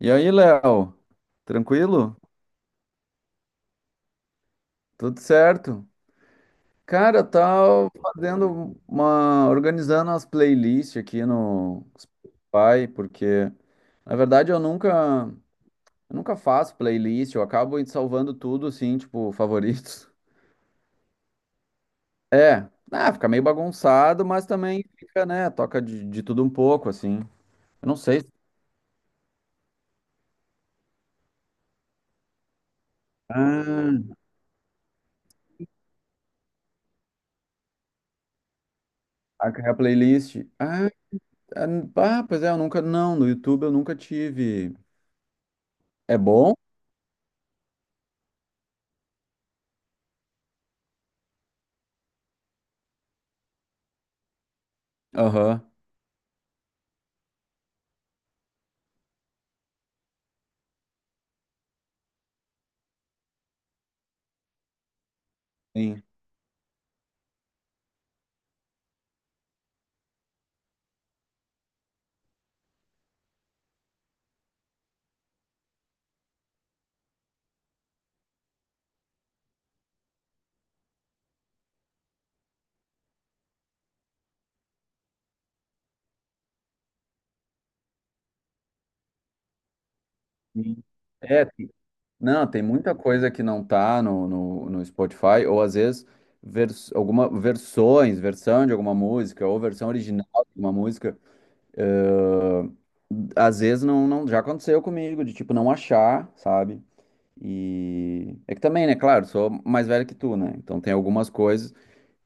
E aí, Léo? Tranquilo? Tudo certo? Cara, eu tava fazendo uma, organizando as playlists aqui no Spotify, porque na verdade eu nunca faço playlist, eu acabo salvando tudo assim, tipo, favoritos. É, fica meio bagunçado, mas também fica, né, toca de tudo um pouco assim. Eu não sei. Ah, a playlist. Ah, ah, pois é, eu nunca, não, no YouTube eu nunca tive. É bom? Aham. Sim, sim. É, não, tem muita coisa que não tá no Spotify, ou às vezes vers, alguma versões, versão de alguma música, ou versão original de uma música. eh, às vezes não, já aconteceu comigo, de tipo, não achar, sabe? E é que também, né, claro, sou mais velho que tu, né? Então tem algumas coisas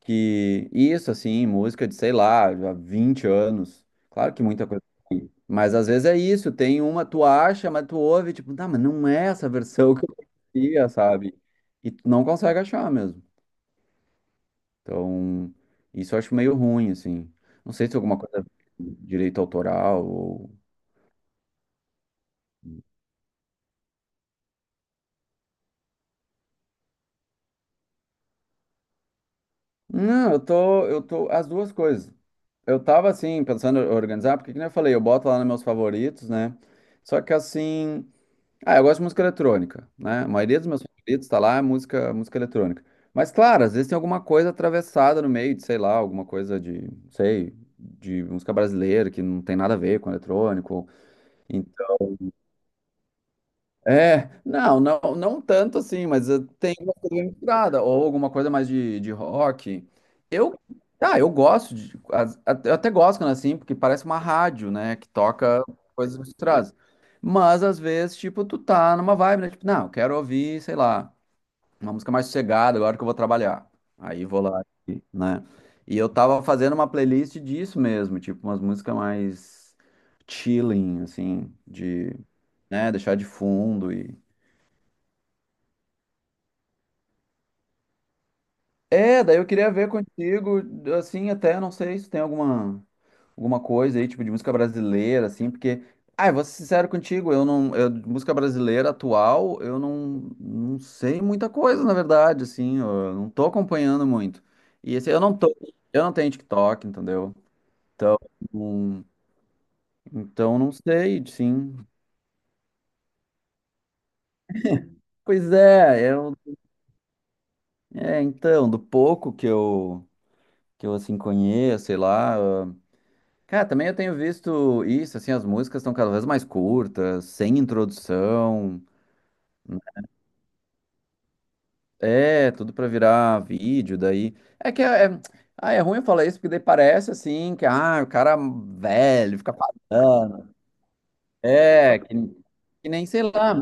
que. Isso, assim, música de, sei lá, há 20 anos. Claro que muita coisa. Mas às vezes é isso, tem uma, tu acha, mas tu ouve, tipo, tá, mas não é essa versão que eu conhecia, sabe? E tu não consegue achar mesmo. Então, isso eu acho meio ruim, assim. Não sei se é alguma coisa de direito autoral ou. Não, eu tô, as duas coisas. Eu tava assim, pensando em organizar, porque como eu falei, eu boto lá nos meus favoritos, né? Só que assim. Ah, eu gosto de música eletrônica, né? A maioria dos meus favoritos tá lá, é música eletrônica. Mas, claro, às vezes tem alguma coisa atravessada no meio de, sei lá, alguma coisa de, sei, de música brasileira que não tem nada a ver com eletrônico. É, não tanto assim, mas tem uma coisa bem misturada, ou alguma coisa mais de rock. Eu, eu gosto de, eu até gosto quando é assim, porque parece uma rádio, né, que toca coisas misturadas. Mas às vezes, tipo, tu tá numa vibe, né, tipo, não, eu quero ouvir, sei lá, uma música mais sossegada agora que eu vou trabalhar. Aí vou lá, né? E eu tava fazendo uma playlist disso mesmo, tipo, umas músicas mais chilling, assim, de né, deixar de fundo e É, daí eu queria ver contigo, assim, até não sei se tem alguma, alguma coisa aí, tipo, de música brasileira, assim, porque, ah, eu vou ser sincero contigo, eu não, eu, de música brasileira atual, eu não, não sei muita coisa, na verdade, assim, eu não tô acompanhando muito. E assim, eu não tenho TikTok, entendeu? Hum, então não sei, sim. Pois é, é, então, do pouco que eu, assim, conheço, sei lá. Cara, também eu tenho visto isso, assim, as músicas estão cada vez mais curtas, sem introdução. Né? É, tudo pra virar vídeo daí. É que é, é- ah, é ruim eu falar isso, porque daí parece assim que ah, o cara velho fica falando. É, que nem sei lá.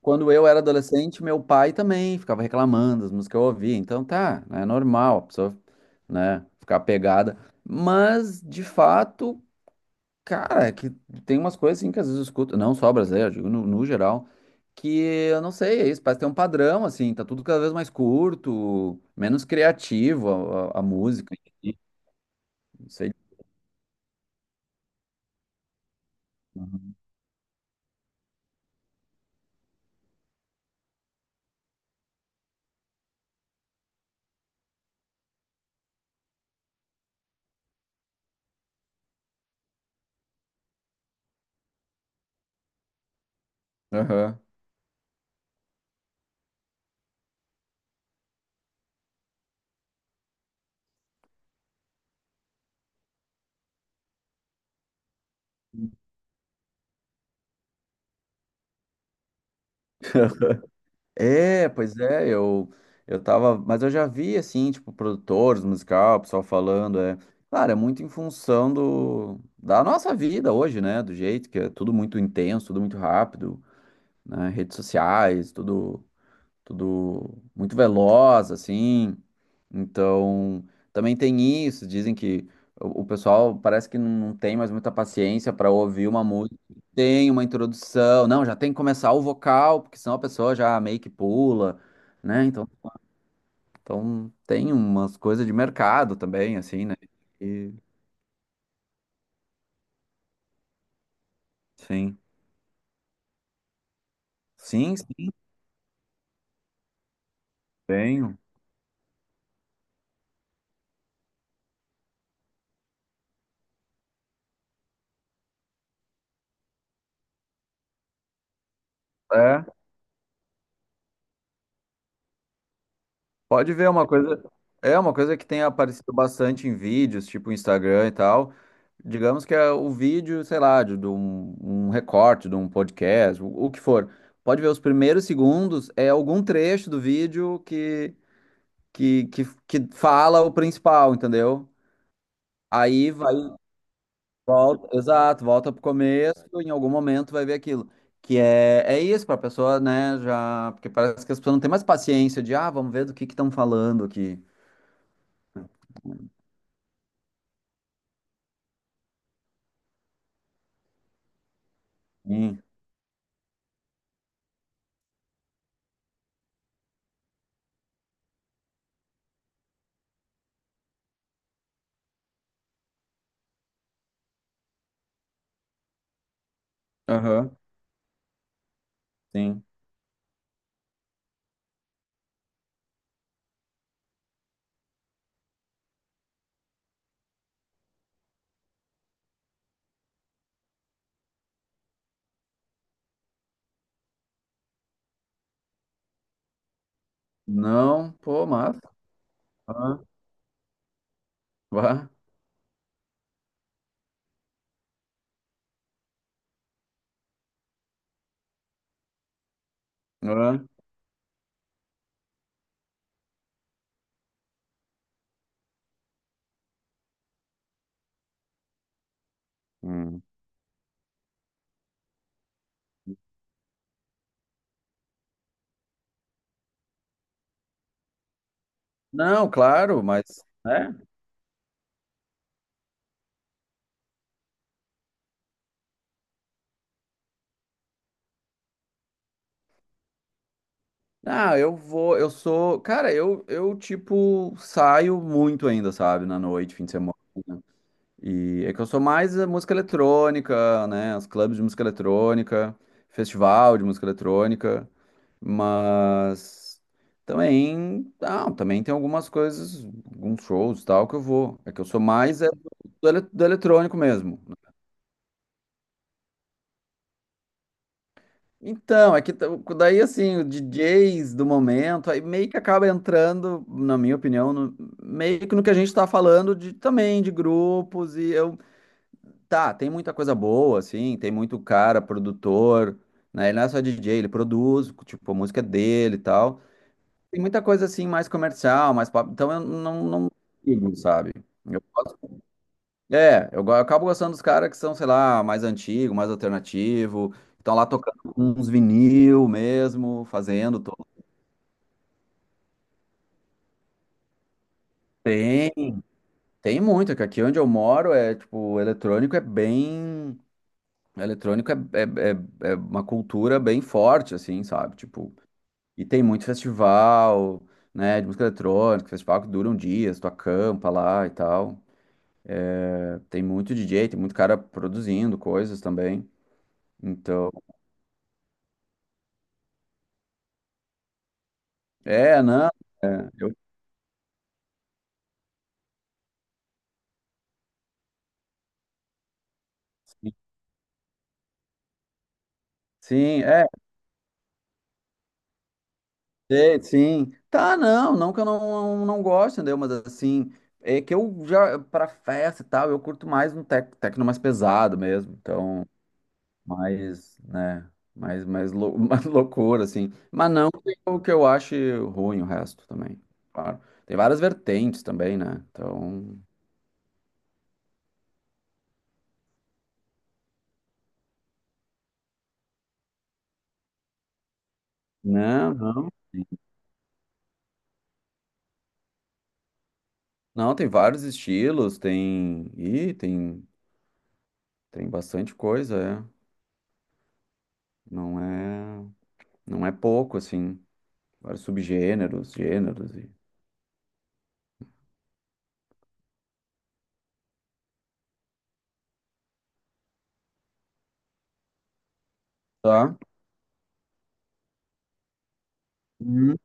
Quando eu era adolescente, meu pai também ficava reclamando das músicas que eu ouvia. Então tá, é normal a pessoa, né, ficar pegada. Mas, de fato. Cara, é que tem umas coisas assim que às vezes eu escuto, não só brasileiro, eu digo no geral, que eu não sei, é isso, parece ter um padrão, assim, tá tudo cada vez mais curto, menos criativo a música, enfim, não sei. Uhum. Aham. É, pois é, eu tava, mas eu já vi, assim, tipo, produtores musical, pessoal falando, é, claro, é muito em função do, da nossa vida hoje, né, do jeito que é tudo muito intenso, tudo muito rápido, né, redes sociais, tudo muito veloz, assim. Então, também tem isso. Dizem que o pessoal parece que não tem mais muita paciência para ouvir uma música. Tem uma introdução, não, já tem que começar o vocal, porque senão a pessoa já meio que pula, né? Então tem umas coisas de mercado também, assim, né? E, sim. Sim, sim, tenho. É. Pode ver é uma coisa. É uma coisa que tem aparecido bastante em vídeos, tipo Instagram e tal. Digamos que é o vídeo, sei lá, de um, um recorte, de um podcast, o que for. Pode ver os primeiros segundos, é algum trecho do vídeo que, que fala o principal, entendeu? Aí vai, volta, exato, volta pro começo, em algum momento vai ver aquilo. Que é, é isso, pra pessoa, né, já. Porque parece que as pessoas não têm mais paciência de, ah, vamos ver do que estão falando aqui. Aham, sim. Não, pô, mas. Aham, vá, aham. Hum. Não, claro, mas. Né? Ah, eu vou. Eu sou. Cara, tipo, saio muito ainda, sabe? Na noite, fim de semana. E é que eu sou mais a música eletrônica, né? Os clubes de música eletrônica, festival de música eletrônica, mas também, ah, também tem algumas coisas, alguns shows e tal que eu vou. É que eu sou mais é, do eletrônico mesmo. Então, daí assim, os DJs do momento, aí meio que acaba entrando, na minha opinião, meio que no que a gente tá falando de também de grupos e eu Tá, tem muita coisa boa, assim, tem muito cara, produtor, né? Ele não é só DJ, ele produz, tipo, a música é dele e tal. Tem muita coisa, assim, mais comercial, mais pop, então eu não, não digo, sabe? Eu gosto- É, eu acabo gostando dos caras que são, sei lá, mais antigo, mais alternativo, estão lá tocando uns vinil mesmo, fazendo todo. Tem, tem muito, que aqui onde eu moro é, tipo, eletrônico é bem... Eletrônico é é uma cultura bem forte, assim, sabe? Tipo, E tem muito festival, né, de música eletrônica, festival que duram dias, tu acampa lá e tal. É, tem muito DJ, tem muito cara produzindo coisas também. Então, é, não, eu sim, sim, é, sei, sim. Tá, não que eu não gosto, entendeu? Mas assim, é que eu já, pra festa e tal, eu curto mais um tecno mais pesado mesmo. Então, mais, né, mais, mais loucura, assim. Mas não que eu ache ruim o resto também, claro. Tem várias vertentes também, né? Então, não, não. Não, tem vários estilos, tem, tem bastante coisa, é. Não é, não é pouco, assim. Vários subgêneros, gêneros e... Tá. Uhum.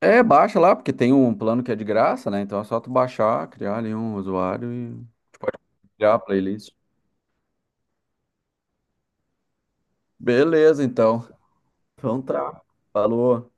É, baixa lá, porque tem um plano que é de graça, né? Então é só tu baixar, criar ali um usuário e tu pode criar a playlist. Beleza, então. Então tá. Falou.